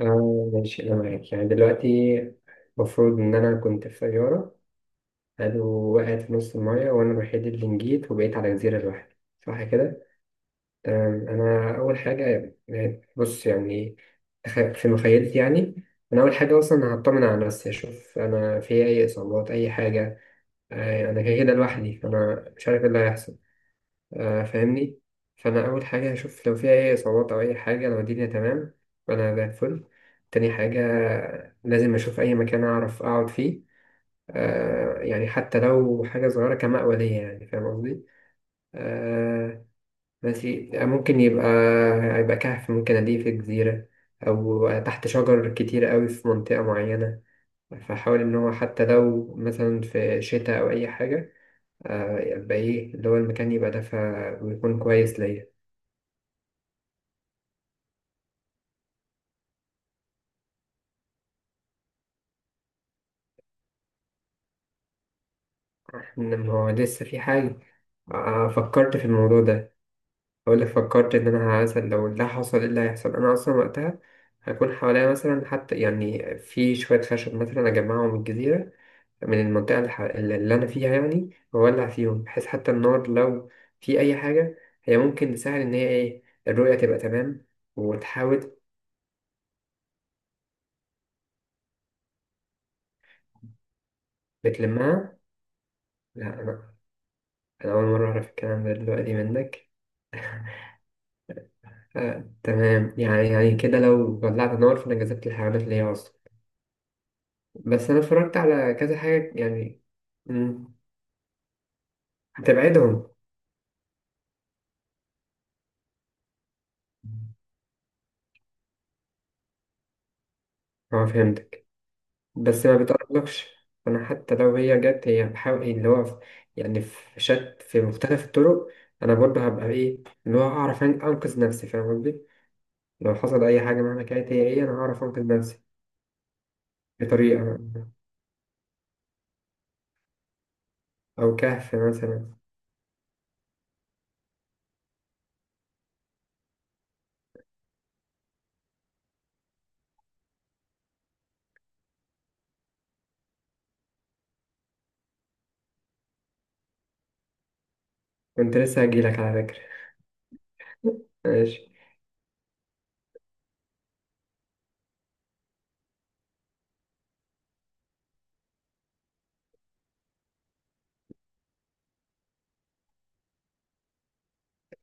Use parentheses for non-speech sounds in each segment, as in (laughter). اه ماشي أنا معاك يعني دلوقتي المفروض إن أنا كنت في طيارة. حلو. وقعت في نص المية وأنا الوحيد اللي نجيت وبقيت على جزيرة لوحدي. صح كده؟ تمام أنا أول حاجة يعني بص يعني في مخيلتي يعني أنا أول حاجة أصلا هطمن على نفسي أشوف أنا في أي إصابات أي حاجة. أنا كده كده لوحدي أنا مش عارف إيه اللي هيحصل. فاهمني. فانا اول حاجه هشوف لو فيها اي اصابات او اي حاجه لو الدنيا تمام فانا زي الفل. تاني حاجه لازم اشوف اي مكان اعرف اقعد فيه. آه يعني حتى لو حاجه صغيره كمأوى ليا يعني فاهم قصدي. آه ماشي ممكن يبقى كهف ممكن ألاقيه في جزيره او تحت شجر كتير قوي في منطقه معينه. فحاول ان هو حتى لو مثلا في شتاء او اي حاجه آه يبقى ايه اللي هو المكان يبقى دافئ ويكون كويس ليا. إنما هو لسه في حاجة. آه، آه، فكرت في الموضوع ده. أقول لك فكرت إن أنا مثلا لو ده حصل إيه اللي هيحصل أنا أصلا وقتها هكون حواليا مثلا حتى يعني في شوية خشب مثلا أجمعهم من الجزيرة من المنطقة اللي أنا فيها يعني وأولع فيهم بحيث حتى النار لو في أي حاجة هي ممكن تساعد إن هي إيه الرؤية تبقى تمام وتحاول. بتلمها. لا أنا أول مرة أعرف الكلام ده دلوقتي منك. آه، تمام يعني يعني كده لو ولعت نار فانا جذبت الحيوانات اللي هي اصلا. بس انا اتفرجت على كذا حاجه يعني. مم، هتبعدهم. اه فهمتك. بس ما بتقربلكش انا حتى لو هي جت هي بحاول اللي هو يعني في مختلف الطرق. انا برضه هبقى ايه اللي هو اعرف انقذ نفسي فاهم قصدي. لو حصل اي حاجه مهما كانت هي ايه انا هعرف انقذ نفسي بطريقه. او كهف مثلا. كنت لسه هجيلك على فكره. (laughs) ماشي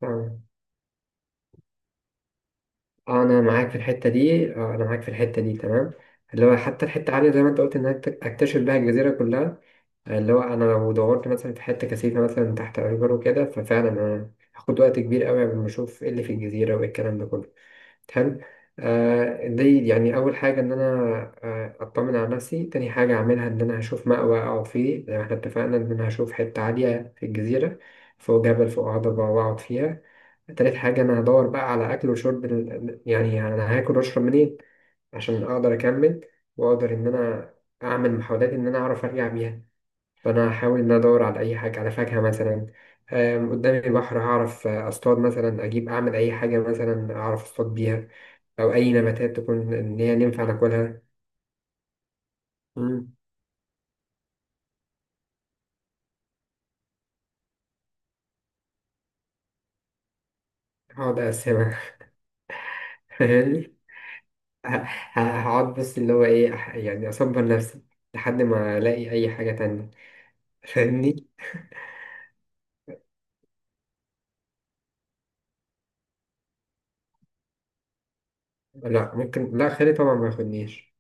تمام. انا معاك في الحته دي تمام. اللي هو حتى الحته عاليه زي ما انت قلت انك اكتشف بيها الجزيره كلها. آه، اللي هو انا لو دورت مثلا في حته كثيفه مثلا تحت اشجار وكده ففعلا انا هاخد وقت كبير قوي قبل ما اشوف ايه اللي في الجزيره وايه الكلام ده كله. حلو. آه دي يعني أول حاجة إن أنا آه أطمن على نفسي. تاني حاجة أعملها إن أنا هشوف مأوى أقعد فيه زي ما إحنا اتفقنا إن أنا هشوف حتة عالية في الجزيرة فوق جبل فوق هضبة وأقعد فيها. تالت حاجة أنا هدور بقى على أكل وشرب يعني أنا هاكل وأشرب منين عشان أقدر أكمل وأقدر إن أنا أعمل محاولات إن أنا أعرف أرجع بيها. فأنا هحاول إن أنا أدور على أي حاجة على فاكهة مثلا. قدامي بحر هعرف أصطاد مثلا أجيب أعمل أي حاجة مثلا أعرف أصطاد بيها أو أي نباتات تكون إن هي ينفع ناكلها. مم. هقعد أقسمها. (laughs) فاهمني. ه- هقعد بس اللي هو إيه يعني أصبر نفسي لحد ما ألاقي أي حاجة تانية. (laughs) فاهمني. لا ممكن لا خيري طبعا ما ياخدنيش.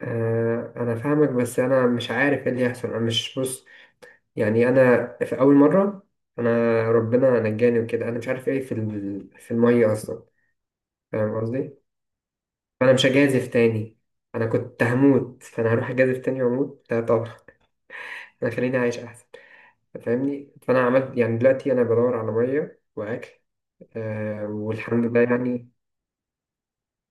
آه انا فاهمك بس انا مش عارف ايه اللي هيحصل انا مش بص يعني. انا في اول مره انا ربنا نجاني وكده انا مش عارف ايه في في الميه اصلا. فاهم قصدي. فانا مش هجازف تاني. انا كنت هموت فانا هروح اجازف تاني واموت لا طبعا. هيخليني عايش أحسن. فاهمني. فأنا عملت يعني دلوقتي أنا بدور على مية وأكل. آه والحمد لله يعني.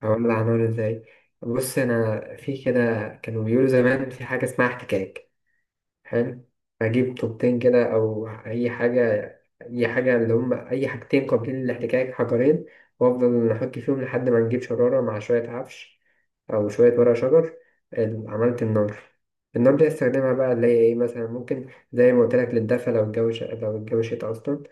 هقول لك هنعمل إزاي. بص أنا في كده كانوا بيقولوا زمان في حاجة اسمها احتكاك. حلو. أجيب طوبتين كده أو أي حاجة. أي حاجة اللي هم أي حاجتين قابلين للاحتكاك. حجرين. وأفضل أحك فيهم لحد ما نجيب شرارة مع شوية عفش أو شوية ورق شجر. عملت النار. النار دي استخدمها بقى اللي هي إيه مثلا ممكن زي ما قلت لك للدفا لو الجو لو الجو شتا أصلا.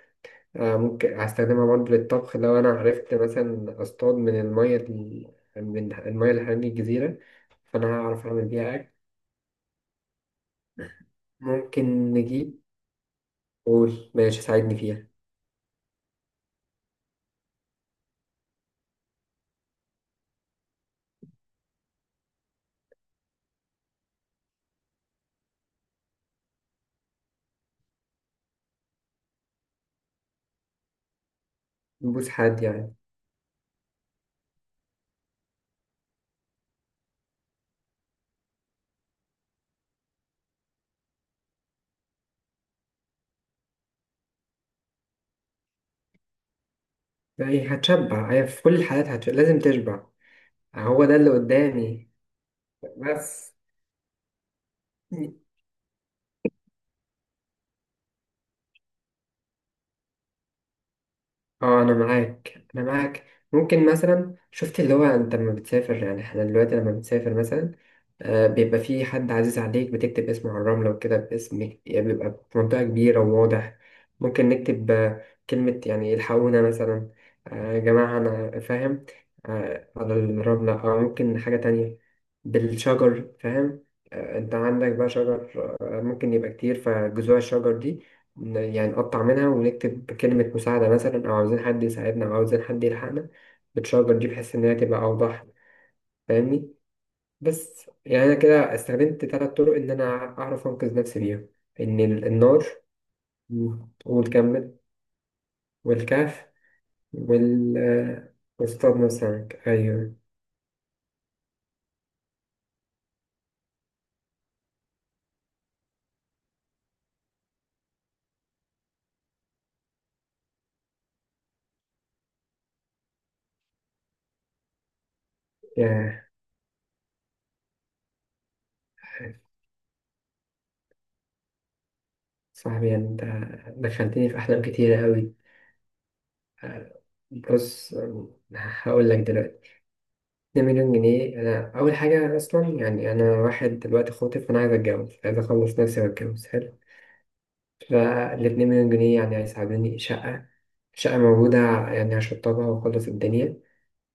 آه ممكن هستخدمها برضه للطبخ لو أنا عرفت مثلا أصطاد من المية من المية اللي حوالين الجزيرة فأنا هعرف أعمل بيها أكل. ممكن نجيب. قول ماشي ساعدني فيها. نبوس حد يعني. يعني هتشبع هي في كل الحالات هتشبع. لازم تشبع. هو ده اللي قدامي بس. اه انا معاك. ممكن مثلا شفت اللي هو انت لما بتسافر يعني احنا دلوقتي لما بتسافر مثلا آه بيبقى في حد عزيز عليك بتكتب اسمه على الرملة وكده باسمك يعني بيبقى بمنطقة كبيرة وواضح. ممكن نكتب كلمة يعني الحقونا مثلا. آه يا جماعة انا فاهم. آه على الرملة او ممكن حاجة تانية. بالشجر فاهم. آه انت عندك بقى شجر. آه ممكن يبقى كتير فجذوع الشجر دي يعني نقطع منها ونكتب كلمة مساعدة مثلا أو عاوزين حد يساعدنا أو عاوزين حد يلحقنا بالشجر دي بحيث إن هي تبقى أوضح. فاهمني. بس يعني أنا كده استخدمت تلات طرق إن أنا أعرف أنقذ نفسي بيها. إن النار. مم. والكمل. والكهف. وال آه، واصطاد السمك. أيوه. يا صاحبي أنت دخلتني في أحلام كتيرة أوي. آه، بص هقول لك دلوقتي. 2 مليون جنيه أنا أول حاجة أصلا يعني أنا واحد دلوقتي خاطب فأنا عايز أتجوز عايز أخلص نفسي وأتجوز. حلو. فالاتنين مليون جنيه يعني هيساعدوني شقة. شقة موجودة يعني هشطبها وأخلص الدنيا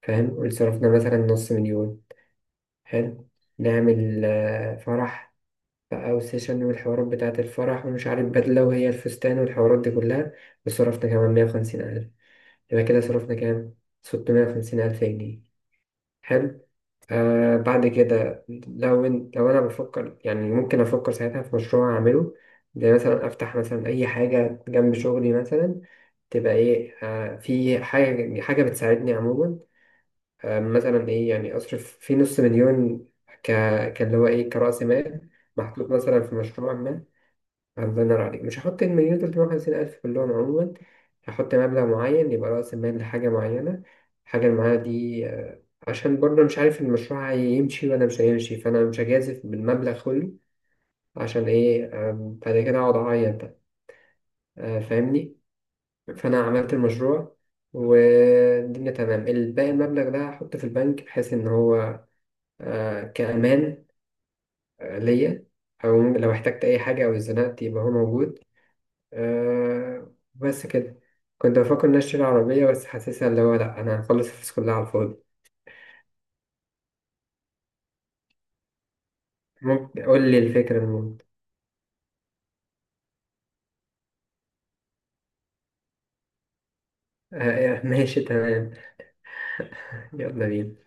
فاهم. وصرفنا مثلا نص مليون. حلو. نعمل فرح بقى وسيشن والحوارات بتاعة الفرح ومش عارف بدلة وهي الفستان والحوارات دي كلها. وصرفنا كمان 150 ألف. يبقى كده صرفنا كام؟ 650 ألف جنيه. حلو. آه بعد كده لو لو انا بفكر يعني ممكن افكر ساعتها في مشروع اعمله زي مثلا افتح مثلا اي حاجه جنب شغلي مثلا تبقى ايه آه في حاجه بتساعدني عموما. آه مثلا ايه يعني اصرف في نص مليون ك كان اللي هو ايه كرأس مال محطوط مثلا في مشروع ما. الله ينور عليك مش هحط المليون و350 ألف كلهم عموما. هحط مبلغ معين يبقى رأس المال لحاجة معينة. الحاجة المعينة دي عشان برضه مش عارف المشروع هيمشي ولا مش هيمشي فأنا مش هجازف بالمبلغ كله. عشان إيه بعد كده أقعد أعيط بقى. فاهمني. فأنا عملت المشروع والدنيا تمام. الباقي المبلغ ده هحطه في البنك بحيث إن هو كأمان ليا أو لو احتجت أي حاجة أو اتزنقت يبقى هو موجود. آه بس كده. كنت بفكر إن أنا أشتري عربية بس حاسسها اللي هو لأ أنا هخلص الفلوس كلها على الفاضي. ممكن قول لي الفكرة المهم. آه ماشي تمام. (laughs) يلا بينا